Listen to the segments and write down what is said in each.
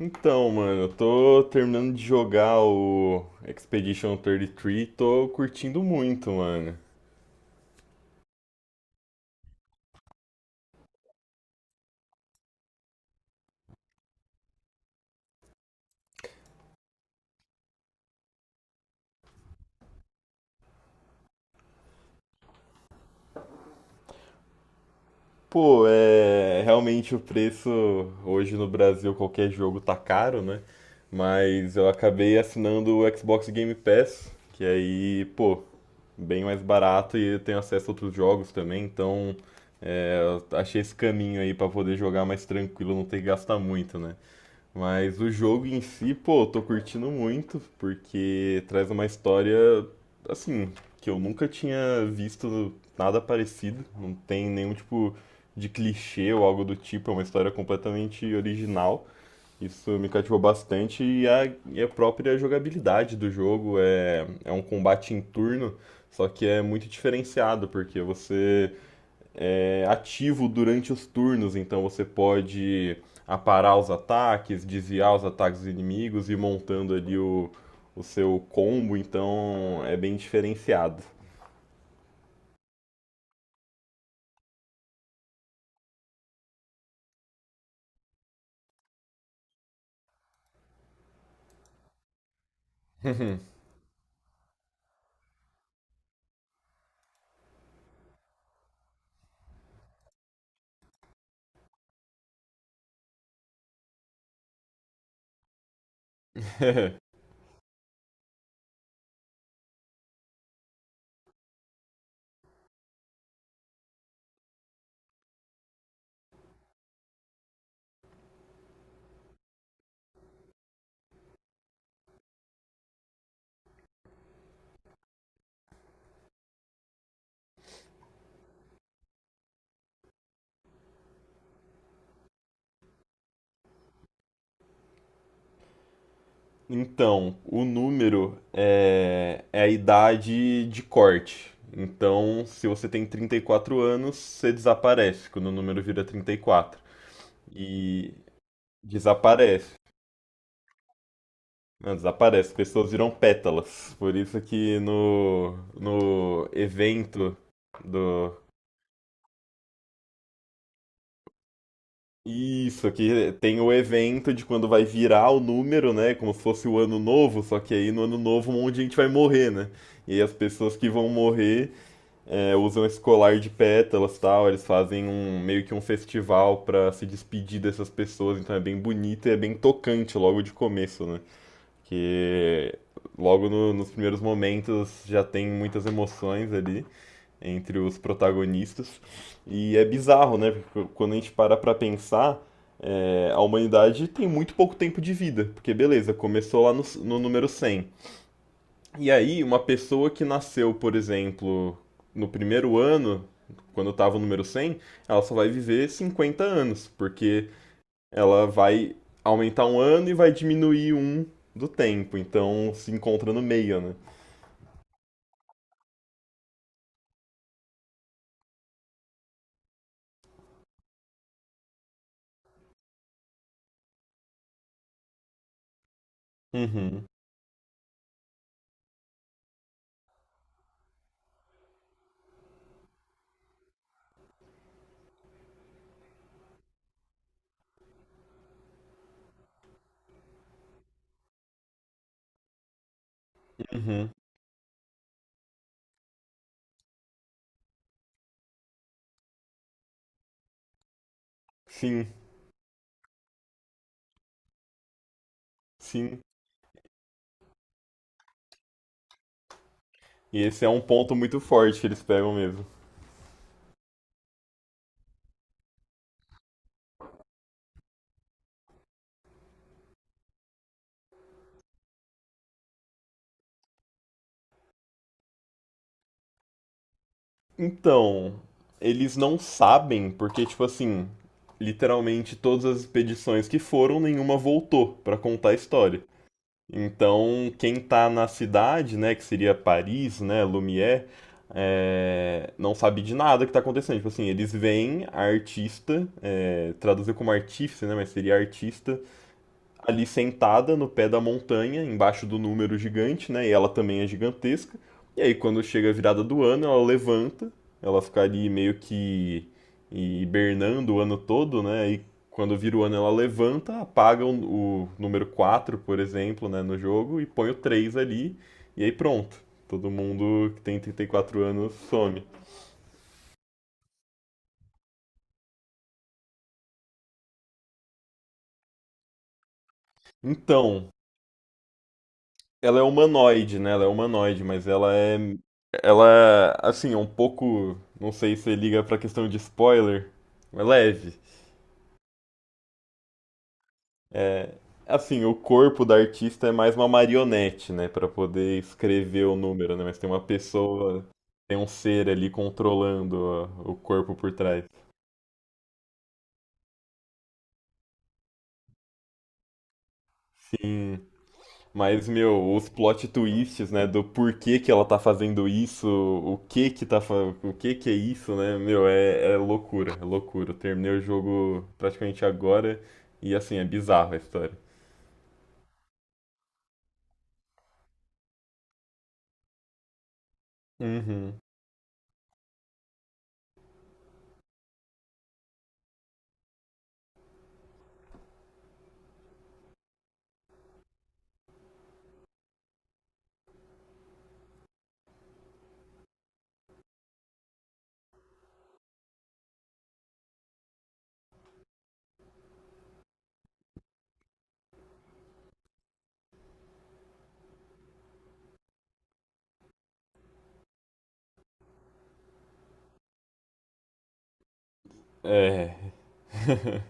Então, mano, eu tô terminando de jogar o Expedition 33 e três, e tô curtindo muito, mano. Pô, é realmente o preço. Hoje no Brasil, qualquer jogo tá caro, né? Mas eu acabei assinando o Xbox Game Pass, que aí, pô, bem mais barato e eu tenho acesso a outros jogos também, então é, eu achei esse caminho aí pra poder jogar mais tranquilo, não ter que gastar muito, né? Mas o jogo em si, pô, eu tô curtindo muito, porque traz uma história, assim, que eu nunca tinha visto nada parecido, não tem nenhum tipo de clichê ou algo do tipo, é uma história completamente original. Isso me cativou bastante e a própria jogabilidade do jogo é um combate em turno, só que é muito diferenciado, porque você é ativo durante os turnos, então você pode aparar os ataques, desviar os ataques dos inimigos e ir montando ali o seu combo, então é bem diferenciado. Então, o número é a idade de corte. Então, se você tem 34 anos, você desaparece quando o número vira 34. E desaparece. Não, desaparece. As pessoas viram pétalas. Por isso que no evento do. Isso, aqui tem o evento de quando vai virar o número, né? Como se fosse o ano novo, só que aí no ano novo um monte de gente vai morrer, né? E aí as pessoas que vão morrer usam esse colar de pétalas e tal, eles fazem um meio que um festival pra se despedir dessas pessoas, então é bem bonito e é bem tocante logo de começo, né? Que logo nos primeiros momentos já tem muitas emoções ali entre os protagonistas. E é bizarro, né? Porque quando a gente para pra pensar, a humanidade tem muito pouco tempo de vida, porque beleza, começou lá no número 100 e aí, uma pessoa que nasceu, por exemplo, no primeiro ano, quando estava o número 100, ela só vai viver 50 anos, porque ela vai aumentar um ano e vai diminuir um do tempo, então se encontra no meio, né? Uhum, uhum. Sim, sim. E esse é um ponto muito forte que eles pegam mesmo. Então, eles não sabem, porque, tipo assim, literalmente todas as expedições que foram, nenhuma voltou pra contar a história. Então, quem está na cidade, né, que seria Paris, né, Lumière, não sabe de nada que está acontecendo. Tipo assim, eles veem a artista, traduzir como artífice, né, mas seria artista, ali sentada no pé da montanha, embaixo do número gigante, né? E ela também é gigantesca. E aí, quando chega a virada do ano, ela levanta, ela fica ali meio que hibernando o ano todo, né? E quando vira o ano, ela levanta, apaga o número 4, por exemplo, né, no jogo, e põe o 3 ali, e aí pronto. Todo mundo que tem 34 anos some. Então, ela é humanoide, né? Ela é humanoide, mas ela é. Ela, assim, é um pouco. Não sei se liga pra questão de spoiler, mas leve. É, assim, o corpo da artista é mais uma marionete, né? Pra poder escrever o número, né? Mas tem uma pessoa, tem um ser ali controlando ó, o corpo por trás. Sim. Mas, meu, os plot twists, né, do porquê que ela tá fazendo isso, o que que é isso, né, meu, é loucura, é loucura. Eu terminei o jogo praticamente agora e, assim, é bizarro a história. Uhum. É.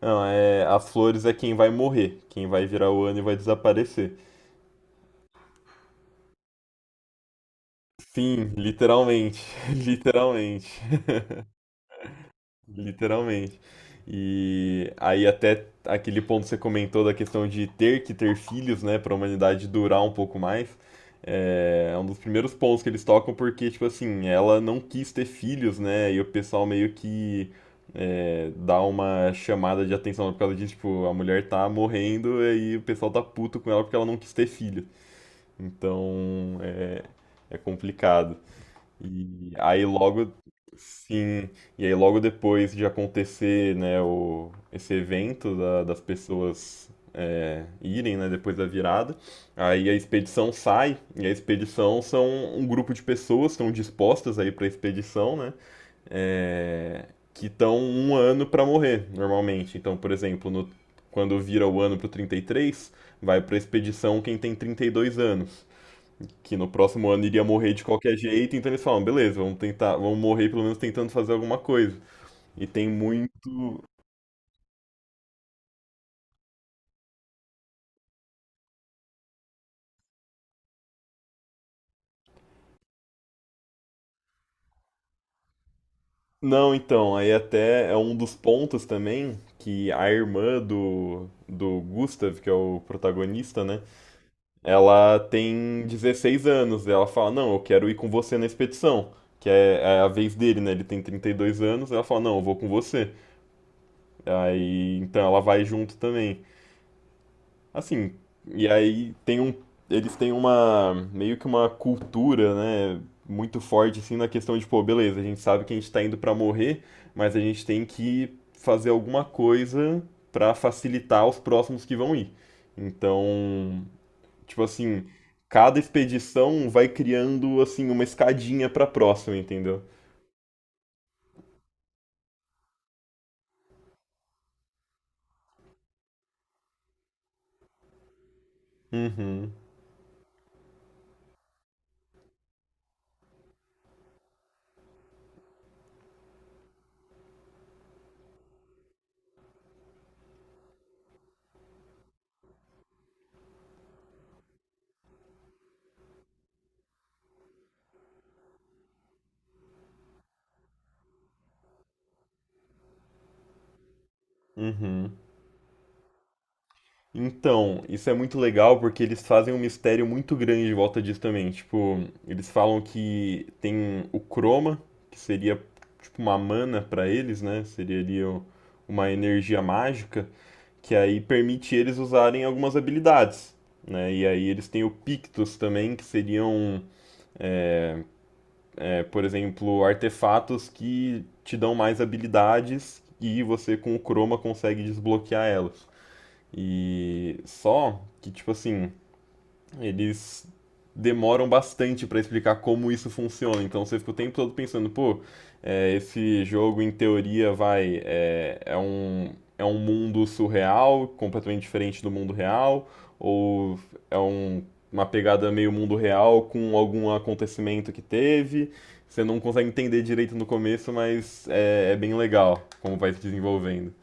Não, é, as flores é quem vai morrer, quem vai virar o ano e vai desaparecer. Sim, literalmente, literalmente. Literalmente. E aí até aquele ponto que você comentou da questão de ter que ter filhos, né, para a humanidade durar um pouco mais, é um dos primeiros pontos que eles tocam porque, tipo assim, ela não quis ter filhos, né, e o pessoal meio que dá uma chamada de atenção por causa disso, tipo, a mulher tá morrendo e aí o pessoal tá puto com ela porque ela não quis ter filho. Então, é complicado. E aí logo, sim. E aí logo depois de acontecer, né, o, esse evento das pessoas irem, né, depois da virada, aí a expedição sai, e a expedição são um grupo de pessoas que estão dispostas aí para a expedição, né, é, que estão um ano para morrer, normalmente. Então, por exemplo, quando vira o ano pro 33, vai para a expedição quem tem 32 anos que no próximo ano iria morrer de qualquer jeito, então eles falam, beleza, vamos tentar, vamos morrer pelo menos tentando fazer alguma coisa. E tem muito. Não, então, aí até é um dos pontos também que a irmã do Gustav, que é o protagonista, né? Ela tem 16 anos, e ela fala, não, eu quero ir com você na expedição. Que é a vez dele, né? Ele tem 32 anos, ela fala, não, eu vou com você. Aí, então ela vai junto também. Assim, e aí tem um, eles têm uma, meio que uma cultura, né, muito forte, assim, na questão de, pô, beleza, a gente sabe que a gente tá indo pra morrer, mas a gente tem que fazer alguma coisa pra facilitar os próximos que vão ir. Então, tipo assim, cada expedição vai criando, assim, uma escadinha pra próxima, entendeu? Uhum, uhum. Então, isso é muito legal porque eles fazem um mistério muito grande em volta disso também. Tipo, eles falam que tem o Chroma, que seria tipo uma mana pra eles, né? Seria ali uma energia mágica que aí permite eles usarem algumas habilidades, né? E aí eles têm o Pictus também, que seriam, por exemplo, artefatos que te dão mais habilidades e você com o Chroma consegue desbloquear elas. E só que tipo assim, eles demoram bastante para explicar como isso funciona. Então você fica o tempo todo pensando, pô, esse jogo em teoria vai é um mundo surreal, completamente diferente do mundo real, ou é um, uma pegada meio mundo real com algum acontecimento que teve. Você não consegue entender direito no começo, mas é bem legal como vai se desenvolvendo.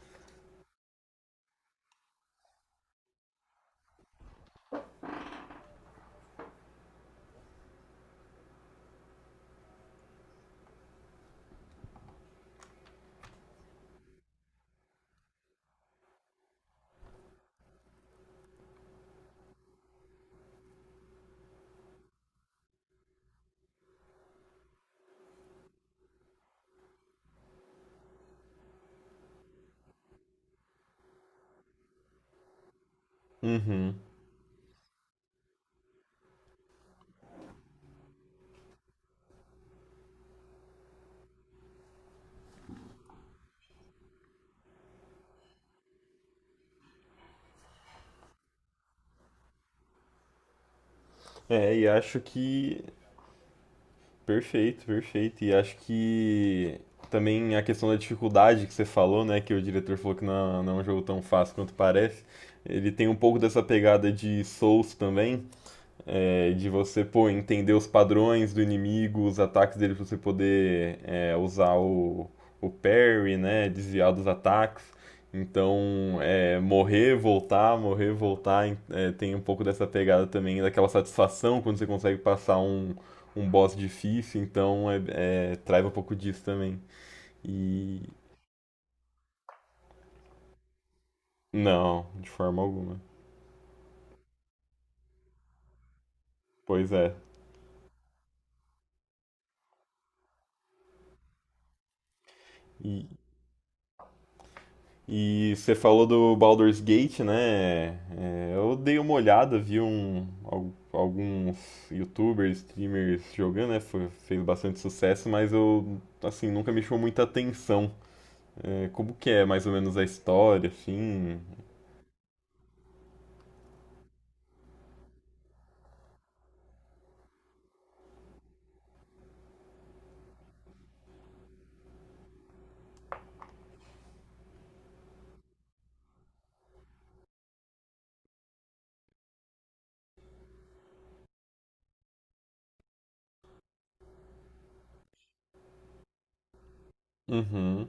Uhum. É, e acho que Perfeito, perfeito. E acho que também a questão da dificuldade que você falou, né, que o diretor falou que não, não é um jogo tão fácil quanto parece, ele tem um pouco dessa pegada de Souls também, de você, pô, entender os padrões do inimigo, os ataques dele pra você poder usar o parry, né? Desviar dos ataques. Então, morrer, voltar, tem um pouco dessa pegada também, daquela satisfação quando você consegue passar um boss difícil, então traz um pouco disso também. E. Não, de forma alguma. Pois é. E, E você falou do Baldur's Gate, né? É, eu dei uma olhada, vi alguns youtubers, streamers jogando, né? Fez bastante sucesso, mas eu, assim, nunca me chamou muita atenção. É, como que é mais ou menos a história, assim? Uhum.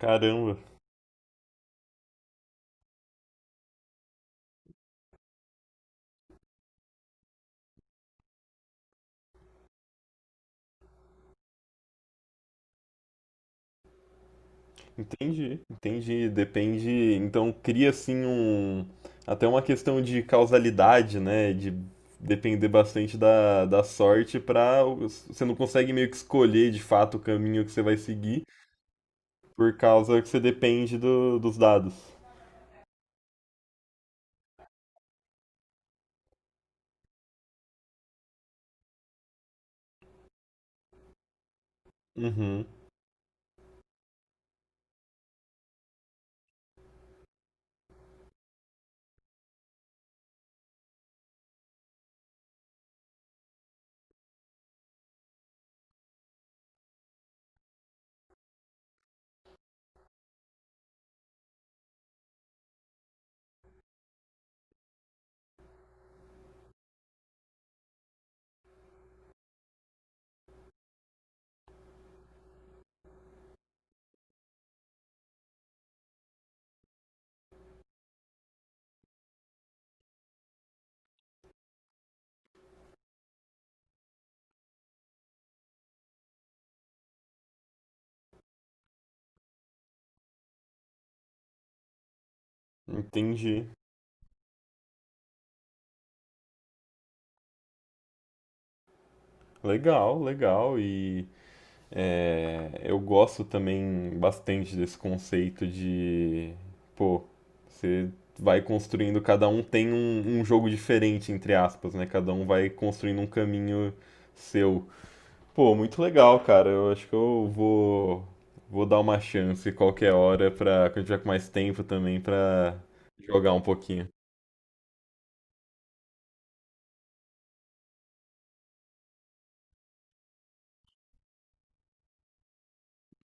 Caramba. Entendi, entendi. Depende. Então cria assim um. Até uma questão de causalidade, né? De depender bastante da, da sorte para Você não consegue meio que escolher de fato o caminho que você vai seguir por causa que você depende dos dados. Uhum, entendi. Legal, legal. É, eu gosto também bastante desse conceito de, pô, você vai construindo, cada um tem um jogo diferente, entre aspas, né? Cada um vai construindo um caminho seu. Pô, muito legal, cara. Eu acho que eu vou dar uma chance qualquer hora pra, quando tiver com mais tempo também, pra jogar um pouquinho.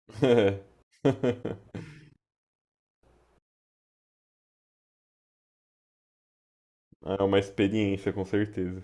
É uma experiência, com certeza.